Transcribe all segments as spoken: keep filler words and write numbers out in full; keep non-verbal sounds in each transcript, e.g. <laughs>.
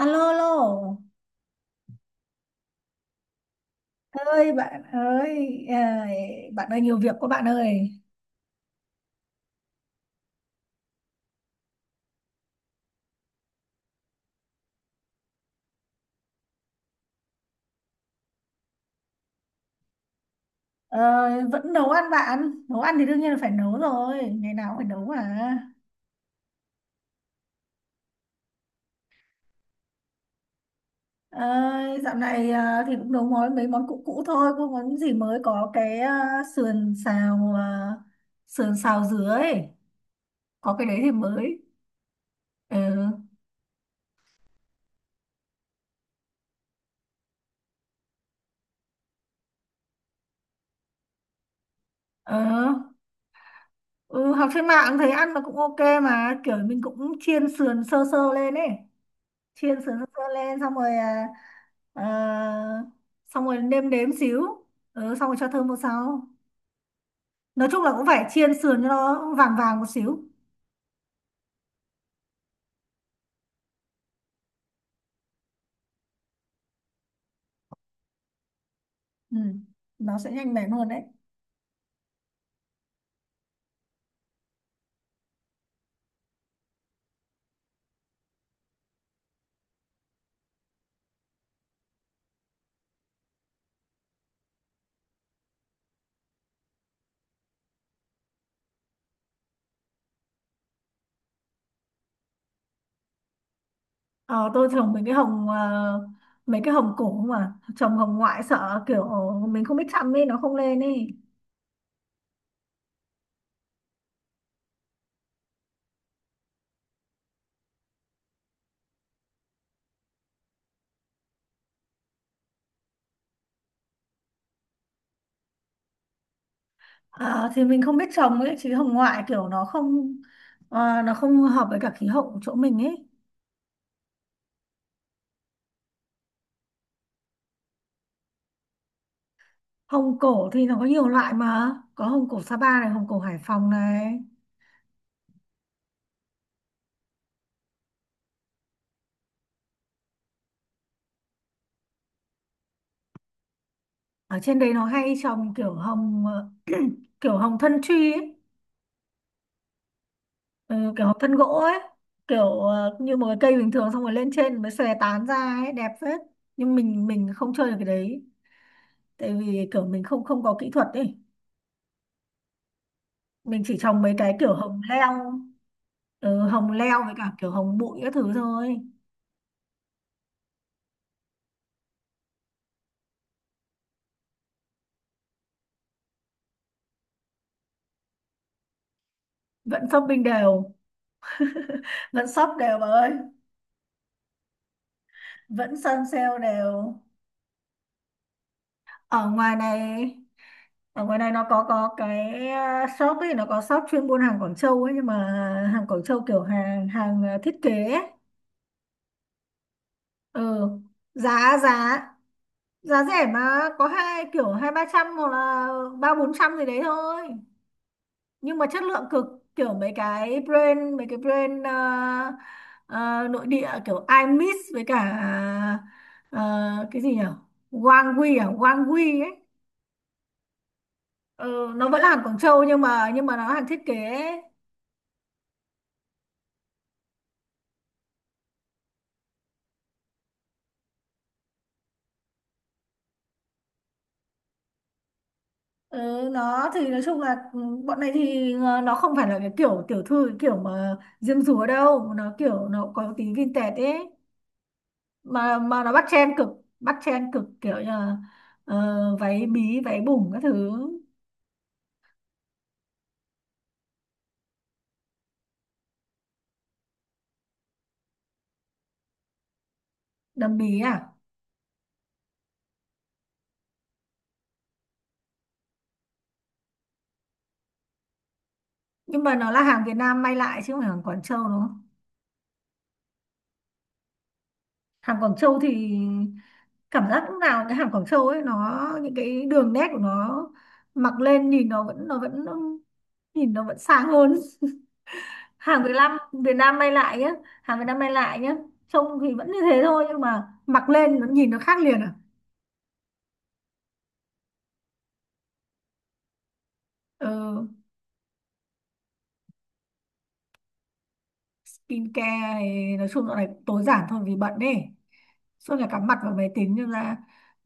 Alo, alo. Ơi bạn ơi, à, bạn ơi nhiều việc quá bạn ơi. Ờ, Vẫn nấu ăn bạn. Nấu ăn thì đương nhiên là phải nấu rồi, ngày nào cũng phải nấu mà. Ờ, Dạo này à, thì cũng nấu món mấy món cũ cũ thôi, không có gì mới, có cái à, sườn xào à, sườn xào dứa ấy, có cái đấy thì mới. Ừ, ờ, ừ, học trên mạng thấy ăn nó cũng ok mà, kiểu mình cũng chiên sườn sơ sơ lên ấy. Chiên sườn sơ sơ lên, xong rồi à, ờ, xong rồi nêm nếm xíu, ừ, xong rồi cho thơm vào sau. Nói chung là cũng phải chiên sườn cho nó vàng vàng một xíu. Ừ, nó sẽ nhanh mẻ hơn đấy. ờ, tôi trồng mấy cái hồng ờ, mấy cái hồng cổ, mà trồng hồng ngoại sợ kiểu mình không biết chăm ấy, nó không lên ấy. Ờ, thì mình không biết trồng ấy, chứ hồng ngoại kiểu nó không ờ, nó không hợp với cả khí hậu của chỗ mình ấy. Hồng cổ thì nó có nhiều loại mà, có hồng cổ Sapa này, hồng cổ Hải Phòng này. Ở trên đấy nó hay trồng kiểu hồng ờ, kiểu hồng thân truy ấy. Ừ, kiểu hồng thân gỗ ấy, kiểu ờ, như một cái cây bình thường, xong rồi lên trên mới xòe tán ra ấy, đẹp phết. Nhưng mình mình không chơi được cái đấy, tại vì kiểu mình không không có kỹ thuật ấy. Mình chỉ trồng mấy cái kiểu hồng leo, ừ, hồng leo với cả kiểu hồng bụi các thứ thôi. Vẫn shopping đều. Vẫn shop đều bà ơi. Vẫn săn sale đều. Ở ngoài này ở ngoài này nó có có cái uh, shop ấy, nó có shop chuyên buôn hàng Quảng Châu ấy, nhưng mà hàng Quảng Châu kiểu hàng hàng uh, thiết kế ấy. Ừ, giá giá giá rẻ mà, có hai kiểu hai ba trăm hoặc là ba bốn trăm gì đấy thôi, nhưng mà chất lượng cực, kiểu mấy cái brand mấy cái brand uh, uh, nội địa, kiểu iMix với cả uh, cái gì nhỉ, Wangwi à, Wangwi ấy. Ừ, nó vẫn là hàng Quảng Châu, nhưng mà nhưng mà nó hàng thiết kế ấy. Ừ, nó thì nói chung là ừ, bọn này thì ờ, nó không phải là cái kiểu tiểu thư, cái kiểu mà diêm dúa đâu, nó kiểu nó có tí vintage ấy, mà mà nó bắt trend cực. Bắt trend cực kiểu như là ờ, váy bí váy bùng các thứ. Đầm bí à? Nhưng mà nó là hàng Việt Nam may lại chứ không phải hàng Quảng Châu, đúng không? Hàng Quảng Châu thì cảm giác lúc nào cái hàng Quảng Châu ấy, nó những cái đường nét của nó mặc lên nhìn nó vẫn nó vẫn nhìn nó vẫn sang hơn. <laughs> Hàng Việt Nam Việt Nam may lại nhá. Hàng Việt Nam may lại nhá. Trông thì vẫn như thế thôi, nhưng mà mặc lên nó nhìn nó khác liền à. Ừ. Skincare thì nói chung dạo này tối giản thôi vì bận ấy, suốt ngày cắm mặt vào máy tính nên là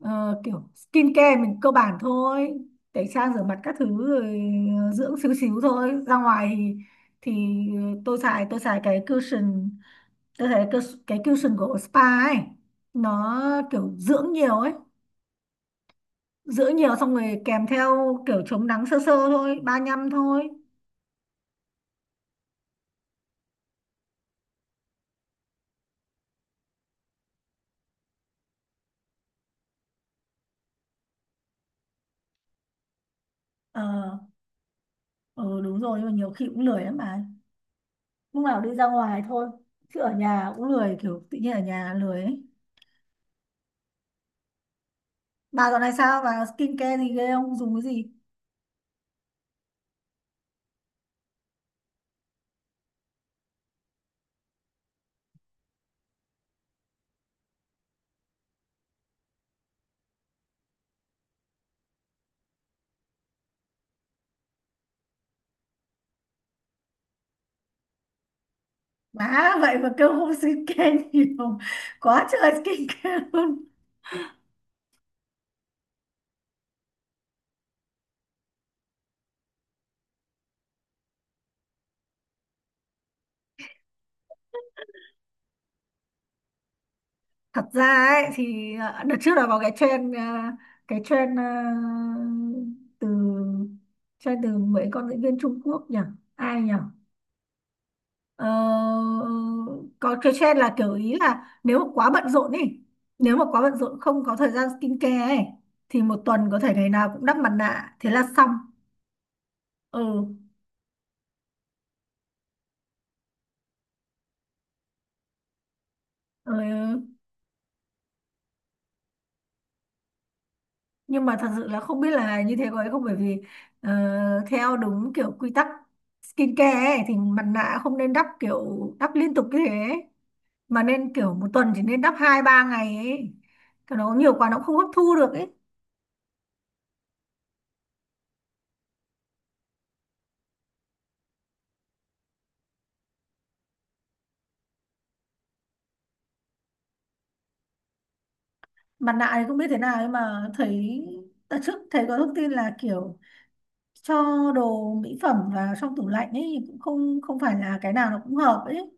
ờ, kiểu skincare mình cơ bản thôi, tẩy trang rửa mặt các thứ rồi, ờ, dưỡng xíu xíu thôi, ra ngoài thì thì ờ, tôi xài tôi xài cái cushion. Tôi thấy cái, cái cushion của spa ấy nó kiểu dưỡng nhiều ấy, dưỡng nhiều xong rồi kèm theo kiểu chống nắng sơ sơ thôi, ba nhăm thôi. ờ ừ, đúng rồi, nhưng mà nhiều khi cũng lười lắm mà, lúc nào đi ra ngoài thôi, chứ ở nhà cũng lười, kiểu tự nhiên ở nhà lười ấy. Bà dạo này sao, bà skincare gì ghê không, dùng cái gì? Má, <laughs> vậy mà kêu không skincare nhiều, <laughs> quá trời skincare luôn. Thật ra ấy thì ờ, đợt trước là có cái trend ờ, cái trend ờ, từ trend từ mấy con diễn viên Trung Quốc nhỉ, ai nhỉ? Ờ, ừ, có stress là kiểu, ý là nếu mà quá bận rộn ấy, nếu mà quá bận rộn không có thời gian skincare ấy, thì một tuần có thể ngày nào cũng đắp mặt nạ thế là xong. Ừ, ừ. Nhưng mà thật sự là không biết là như thế có hay không, bởi vì ờ, theo đúng kiểu quy tắc skincare ấy, thì mặt nạ không nên đắp kiểu đắp liên tục như thế ấy, mà nên kiểu một tuần chỉ nên đắp hai ba ngày ấy. Còn nó nhiều quá nó cũng không hấp thu được ấy. Mặt nạ thì không biết thế nào, nhưng mà thấy đợt trước thấy có thông tin là kiểu cho đồ mỹ phẩm vào trong tủ lạnh ấy thì cũng không không phải là cái nào nó cũng hợp ấy.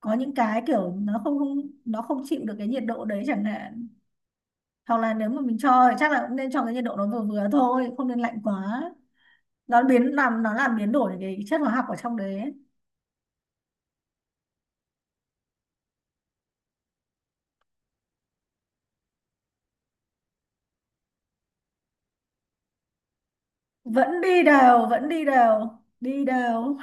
Có những cái kiểu nó không không nó không chịu được cái nhiệt độ đấy chẳng hạn, hoặc là nếu mà mình cho thì chắc là cũng nên cho cái nhiệt độ nó vừa vừa thôi, không nên lạnh quá, nó biến làm nó làm biến đổi cái chất hóa học ở trong đấy ấy. Vẫn đi đều, vẫn đi đều, đi đều.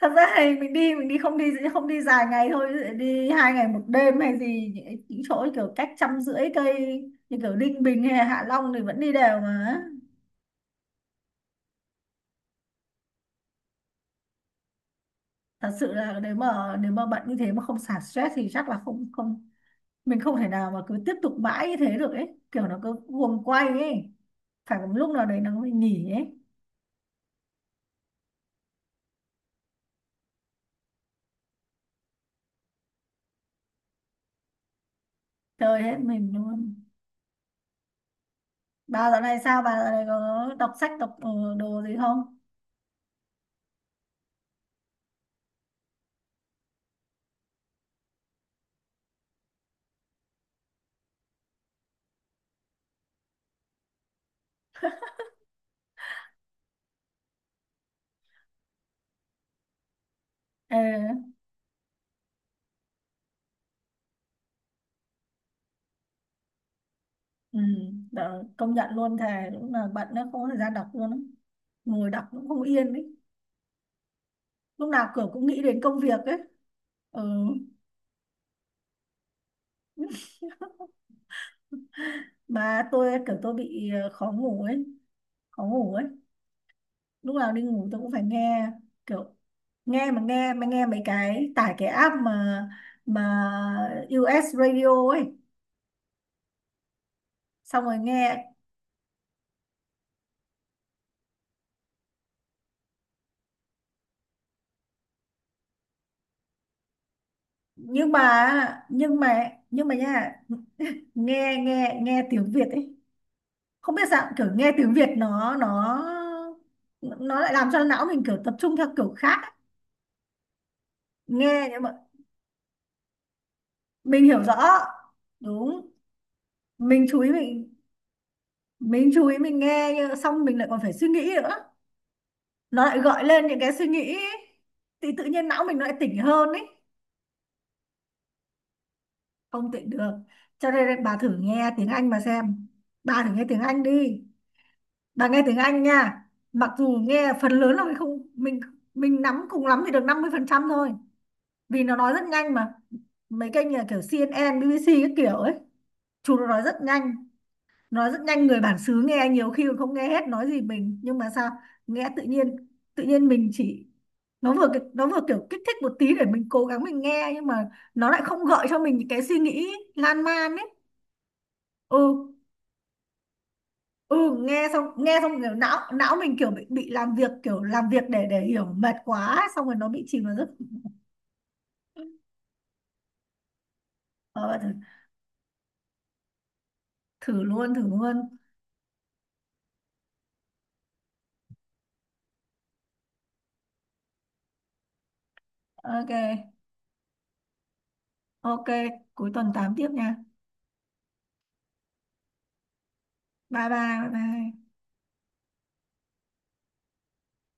Thật ra thì mình đi mình đi không đi không đi dài ngày thôi, ví dụ đi hai ngày một đêm hay gì, những, những chỗ kiểu cách trăm rưỡi cây như kiểu Ninh Bình hay Hạ Long thì vẫn đi đều mà. Thật sự là nếu mà nếu mà bận như thế mà không xả stress thì chắc là không không, mình không thể nào mà cứ tiếp tục mãi như thế được ấy, kiểu nó cứ guồng quay ấy, phải có một lúc nào đấy nó mới nghỉ ấy. Chơi hết mình luôn. Bà dạo này sao bà dạo này có đọc sách đọc ờ, đồ gì không? Ờ Ừ, đó, công nhận luôn, thề lúc nào bận nó không có thời gian đọc luôn á. Ngồi đọc cũng không yên ấy, lúc nào kiểu cũng nghĩ đến công việc ấy. Ừ, mà tôi kiểu tôi bị ờ, khó ngủ ấy, khó ngủ ấy. Lúc nào đi ngủ tôi cũng phải nghe, kiểu nghe mà nghe mà nghe mấy cái tải cái app mà mà diu ét Radio ấy, xong rồi nghe. Nhưng mà nhưng mà nhưng mà nha, nghe nghe nghe tiếng Việt ấy, không biết sao kiểu nghe tiếng Việt nó nó nó lại làm cho não mình kiểu tập trung theo kiểu khác ấy. Nghe nhưng mà mình hiểu rõ, đúng, mình chú ý mình mình chú ý mình nghe nhưng xong mình lại còn phải suy nghĩ nữa, nó lại gọi lên những cái suy nghĩ ấy, thì tự nhiên não mình nó lại tỉnh hơn ấy. Không tỉnh được. Cho nên bà thử nghe tiếng Anh mà xem, bà thử nghe tiếng Anh đi, bà nghe tiếng Anh nha, mặc dù nghe phần lớn là mình không mình mình nắm cùng lắm thì được năm mươi phần trăm thôi, vì nó nói rất nhanh mà. Mấy kênh như là kiểu C N N, B B C các kiểu ấy, chúng nó nói rất nhanh. Nói rất nhanh, người bản xứ nghe nhiều khi còn không nghe hết nói gì mình, nhưng mà sao nghe tự nhiên, tự nhiên mình chỉ, nó vừa nó vừa kiểu kích thích một tí để mình cố gắng mình nghe, nhưng mà nó lại không gợi cho mình những cái suy nghĩ lan man ấy. Ừ, ừ, nghe xong nghe xong kiểu não não mình kiểu bị bị làm việc kiểu làm việc để để hiểu, mệt quá ấy, xong rồi nó bị chìm vào giấc. ờ, Thử, thử luôn, thử luôn. Ok. Ok, cuối tuần tám tiếp nha. Bye bye, bye bye.